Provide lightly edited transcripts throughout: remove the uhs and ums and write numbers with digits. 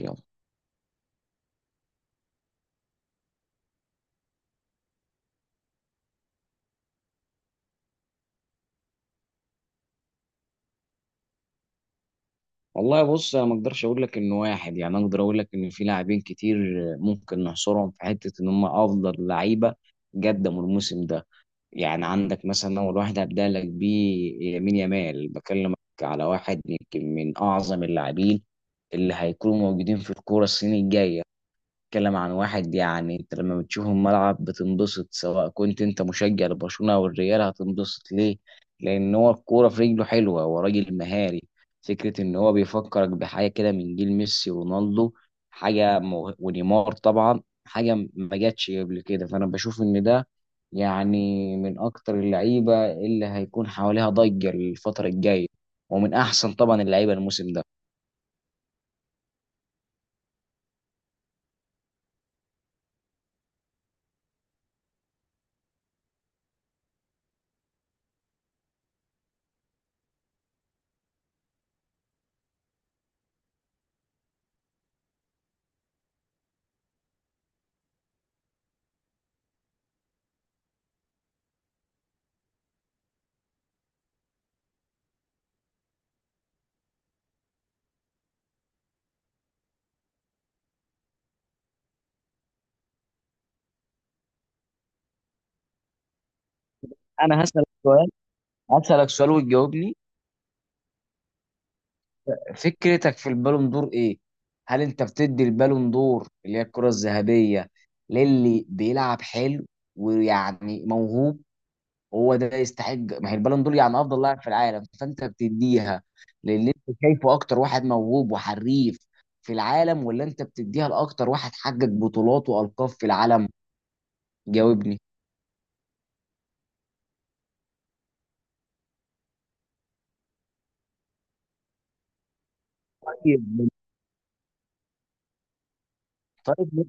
يلا. والله بص انا ما اقدرش اقول لك انه واحد، يعني اقدر اقول لك ان في لاعبين كتير ممكن نحصرهم في حته ان هم افضل لعيبه قدموا الموسم ده. يعني عندك مثلا اول واحد هبدا لك بيه يمين يامال، بكلمك على واحد يمكن من اعظم اللاعبين اللي هيكونوا موجودين في الكوره السنه الجايه. بتتكلم عن واحد يعني انت لما بتشوفه الملعب بتنبسط، سواء كنت انت مشجع لبرشلونة او الريال هتنبسط ليه؟ لان هو الكورة في رجله حلوة، هو راجل مهاري، فكرة ان هو بيفكرك بحاجة كده من جيل ميسي ورونالدو. حاجة ونيمار طبعا، حاجة ما جاتش قبل كده. فانا بشوف ان ده يعني من اكتر اللعيبة اللي هيكون حواليها ضجة الفترة الجاية، ومن احسن طبعا اللعيبة الموسم ده. انا هسألك سؤال، هسألك سؤال وتجاوبني. فكرتك في البالون دور ايه؟ هل انت بتدي البالون دور اللي هي الكرة الذهبية للي بيلعب حلو ويعني موهوب، هو ده يستحق؟ ما هي البالون دور يعني افضل لاعب في العالم، فانت بتديها للي انت شايفه اكتر واحد موهوب وحريف في العالم، ولا انت بتديها لاكتر واحد حقق بطولات والقاب في العالم؟ جاوبني. طيب. طيب.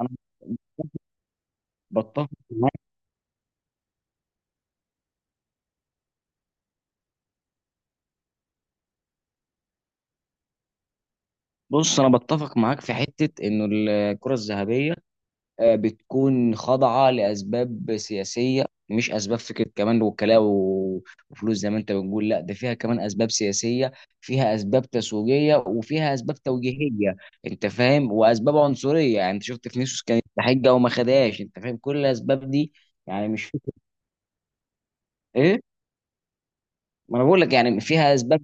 انا بتفق معاك. بص انا بتفق معاك في حتة انه الكرة الذهبية بتكون خاضعة لأسباب سياسية، مش أسباب فكرة كمان وكلاء وفلوس زي ما أنت بتقول، لا ده فيها كمان أسباب سياسية، فيها أسباب تسويقية، وفيها أسباب توجيهية. أنت فاهم؟ وأسباب عنصرية، يعني أنت شفت فينيسيوس كانت تحجة وما خدهاش. أنت فاهم كل الأسباب دي؟ يعني مش فكرة. إيه. ما أنا بقول لك يعني فيها أسباب،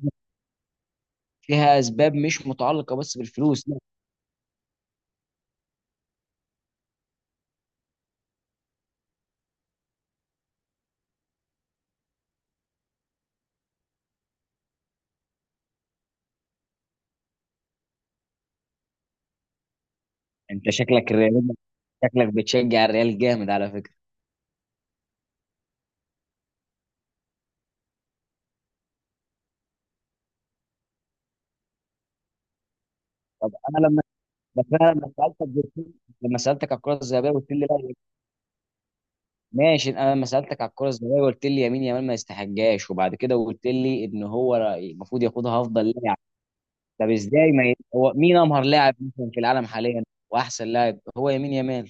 فيها أسباب مش متعلقة بس بالفلوس، لا. أنت شكلك الريال، شكلك بتشجع الريال جامد على فكرة. طب أنا لما، بس انا لما سالتك قلت لي، لما سالتك على الكره الذهبيه قلت لي لا. ماشي. انا لما سالتك على الكره الذهبيه قلت لي يمين يامال ما يستحقهاش، وبعد كده قلت لي ان هو المفروض ياخدها افضل لاعب. طب ازاي ما ي... هو مين امهر لاعب مثلا في العالم حاليا واحسن لاعب؟ هو يمين يامال؟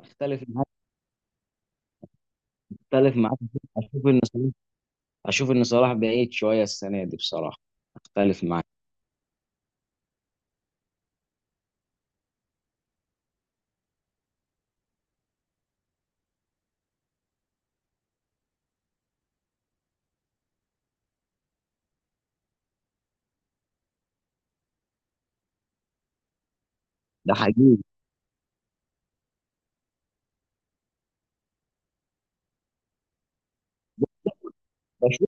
اختلف معاك. اختلف معاك. اشوف ان صلاح، اشوف ان صلاح بعيد شويه السنه دي بصراحه. اختلف معاك. ده حقيقي. بشوف،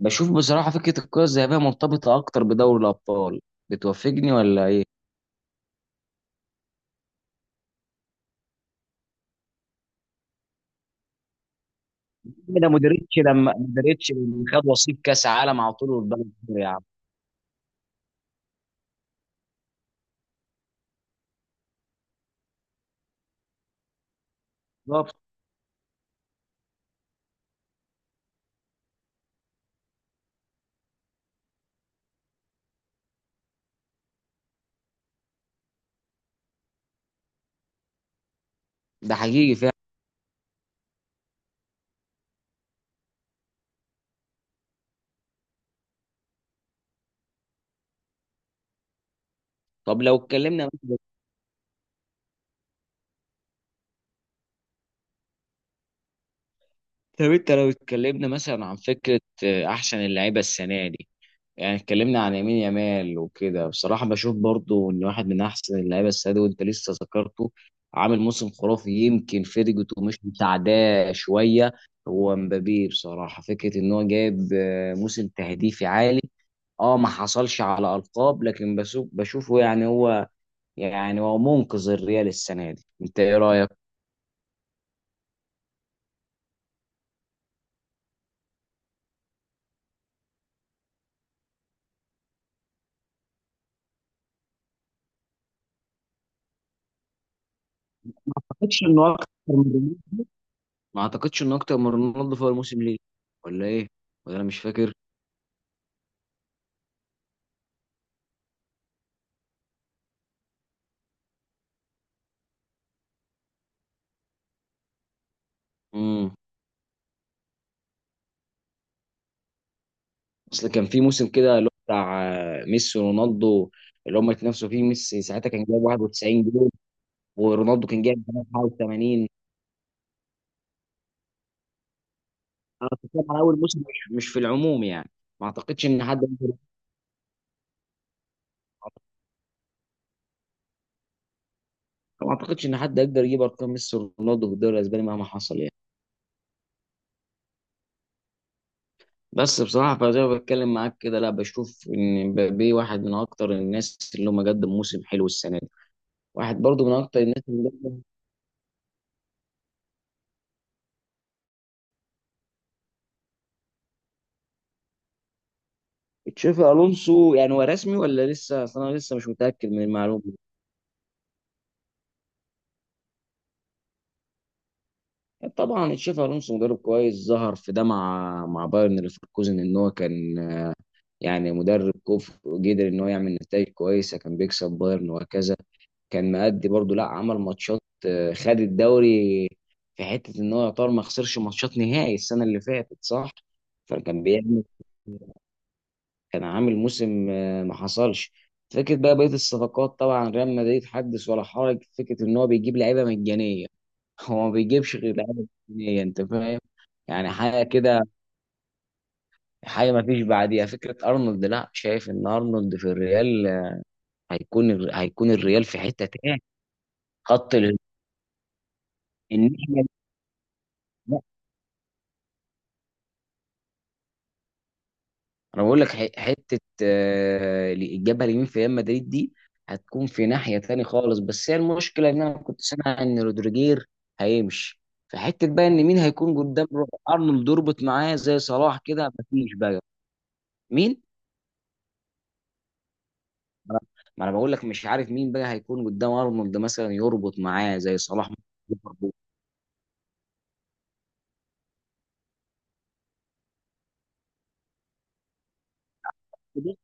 بشوف بصراحه فكره الكره الذهبيه مرتبطه اكتر بدوري الابطال. بتوافقني ولا ايه؟ ده مودريتش لما، مودريتش لما خد وصيف كاس عالم على طول والبلد حر يا عم. بالظبط. ده حقيقي فعلا. طب لو اتكلمنا مثلا، طب انت لو اتكلمنا مثلا عن فكره احسن اللعيبه السنه دي، يعني اتكلمنا عن يمين يمال وكده. بصراحه بشوف برضو ان واحد من احسن اللعيبه السنه دي، وانت لسه ذكرته، عامل موسم خرافي، يمكن فيرجيتو مش مساعداه شويه، هو مبابي. بصراحه فكره ان هو جايب موسم تهديفي عالي، اه ما حصلش على ألقاب، لكن بشوف بشوفه يعني هو، يعني هو منقذ الريال السنة دي. انت ايه رأيك؟ ما اعتقدش انه اكتر من رونالدو. ما اعتقدش انه اكتر من رونالدو في الموسم ليه، ولا ايه؟ ولا انا مش فاكر. امم. اصل كان في موسم كده اللي هو بتاع ميسي ورونالدو، اللي هم اتنافسوا فيه. ميسي ساعتها كان جايب 91 جول، ورونالدو كان جايب 81. انا بتكلم على اول موسم، مش في العموم يعني. ما اعتقدش ان ما اعتقدش ان حد يقدر يجيب ارقام ميسي ورونالدو في الدوري الاسباني مهما حصل يعني. بس بصراحة، فزي ما بتكلم معاك كده، لا، بشوف إن مبابي واحد من أكتر الناس اللي هم قدم موسم حلو السنة دي، واحد برضو من أكتر الناس اللي قدم. تشافي ألونسو يعني هو رسمي ولا لسه؟ أصل أنا لسه مش متأكد من المعلومة دي. طبعا تشافي ألونسو مدرب كويس، ظهر في ده مع مع بايرن ليفركوزن إن هو كان يعني مدرب كفء، وقدر إن هو يعمل نتائج كويسة، كان بيكسب بايرن وهكذا. كان مأدي برضه لا، عمل ماتشات خد الدوري، في حتة ان هو يعتبر ما خسرش ماتشات نهائي السنة اللي فاتت، صح؟ فكان بيعمل كان عامل موسم ما حصلش. فكرة بقى بقية الصفقات، طبعا ريال مدريد حدث ولا حرج، فكرة ان هو بيجيب لعيبة مجانية هو ما بيجيبش غير لعيبة مجانية، انت فاهم؟ يعني حاجة كده، حاجة ما فيش بعديها. فكرة ارنولد، لا شايف ان ارنولد في الريال هيكون، هيكون الريال في حتة تاني. خط ال- الناحية. انا بقول لك حته الجبهه اليمين في ريال مدريد دي هتكون في ناحيه تاني خالص. بس هي المشكله ان انا كنت سامع ان رودريجير هيمشي، فحته بقى ان مين هيكون قدام ارنولد يربط معاه زي صلاح كده، مفيش بقى. مين؟ ما انا ما أنا بقول لك مش عارف مين بقى هيكون قدام ارنولد مثلا يربط معاه زي صلاح كده.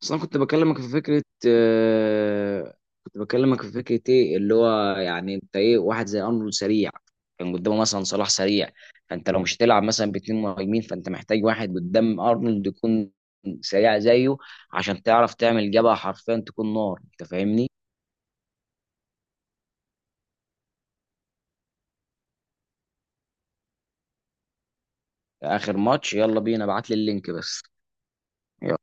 بس انا كنت بكلمك في فكره كنت بكلمك في فكره ايه اللي هو، يعني انت ايه، واحد زي ارنولد سريع كان قدامه مثلا صلاح سريع، فانت لو مش هتلعب مثلا باتنين مهاجمين، فانت محتاج واحد قدام ارنولد يكون سريع زيه، عشان تعرف تعمل جبهه حرفيا تكون نار. انت فاهمني؟ اخر ماتش، يلا بينا، ابعت لي اللينك بس.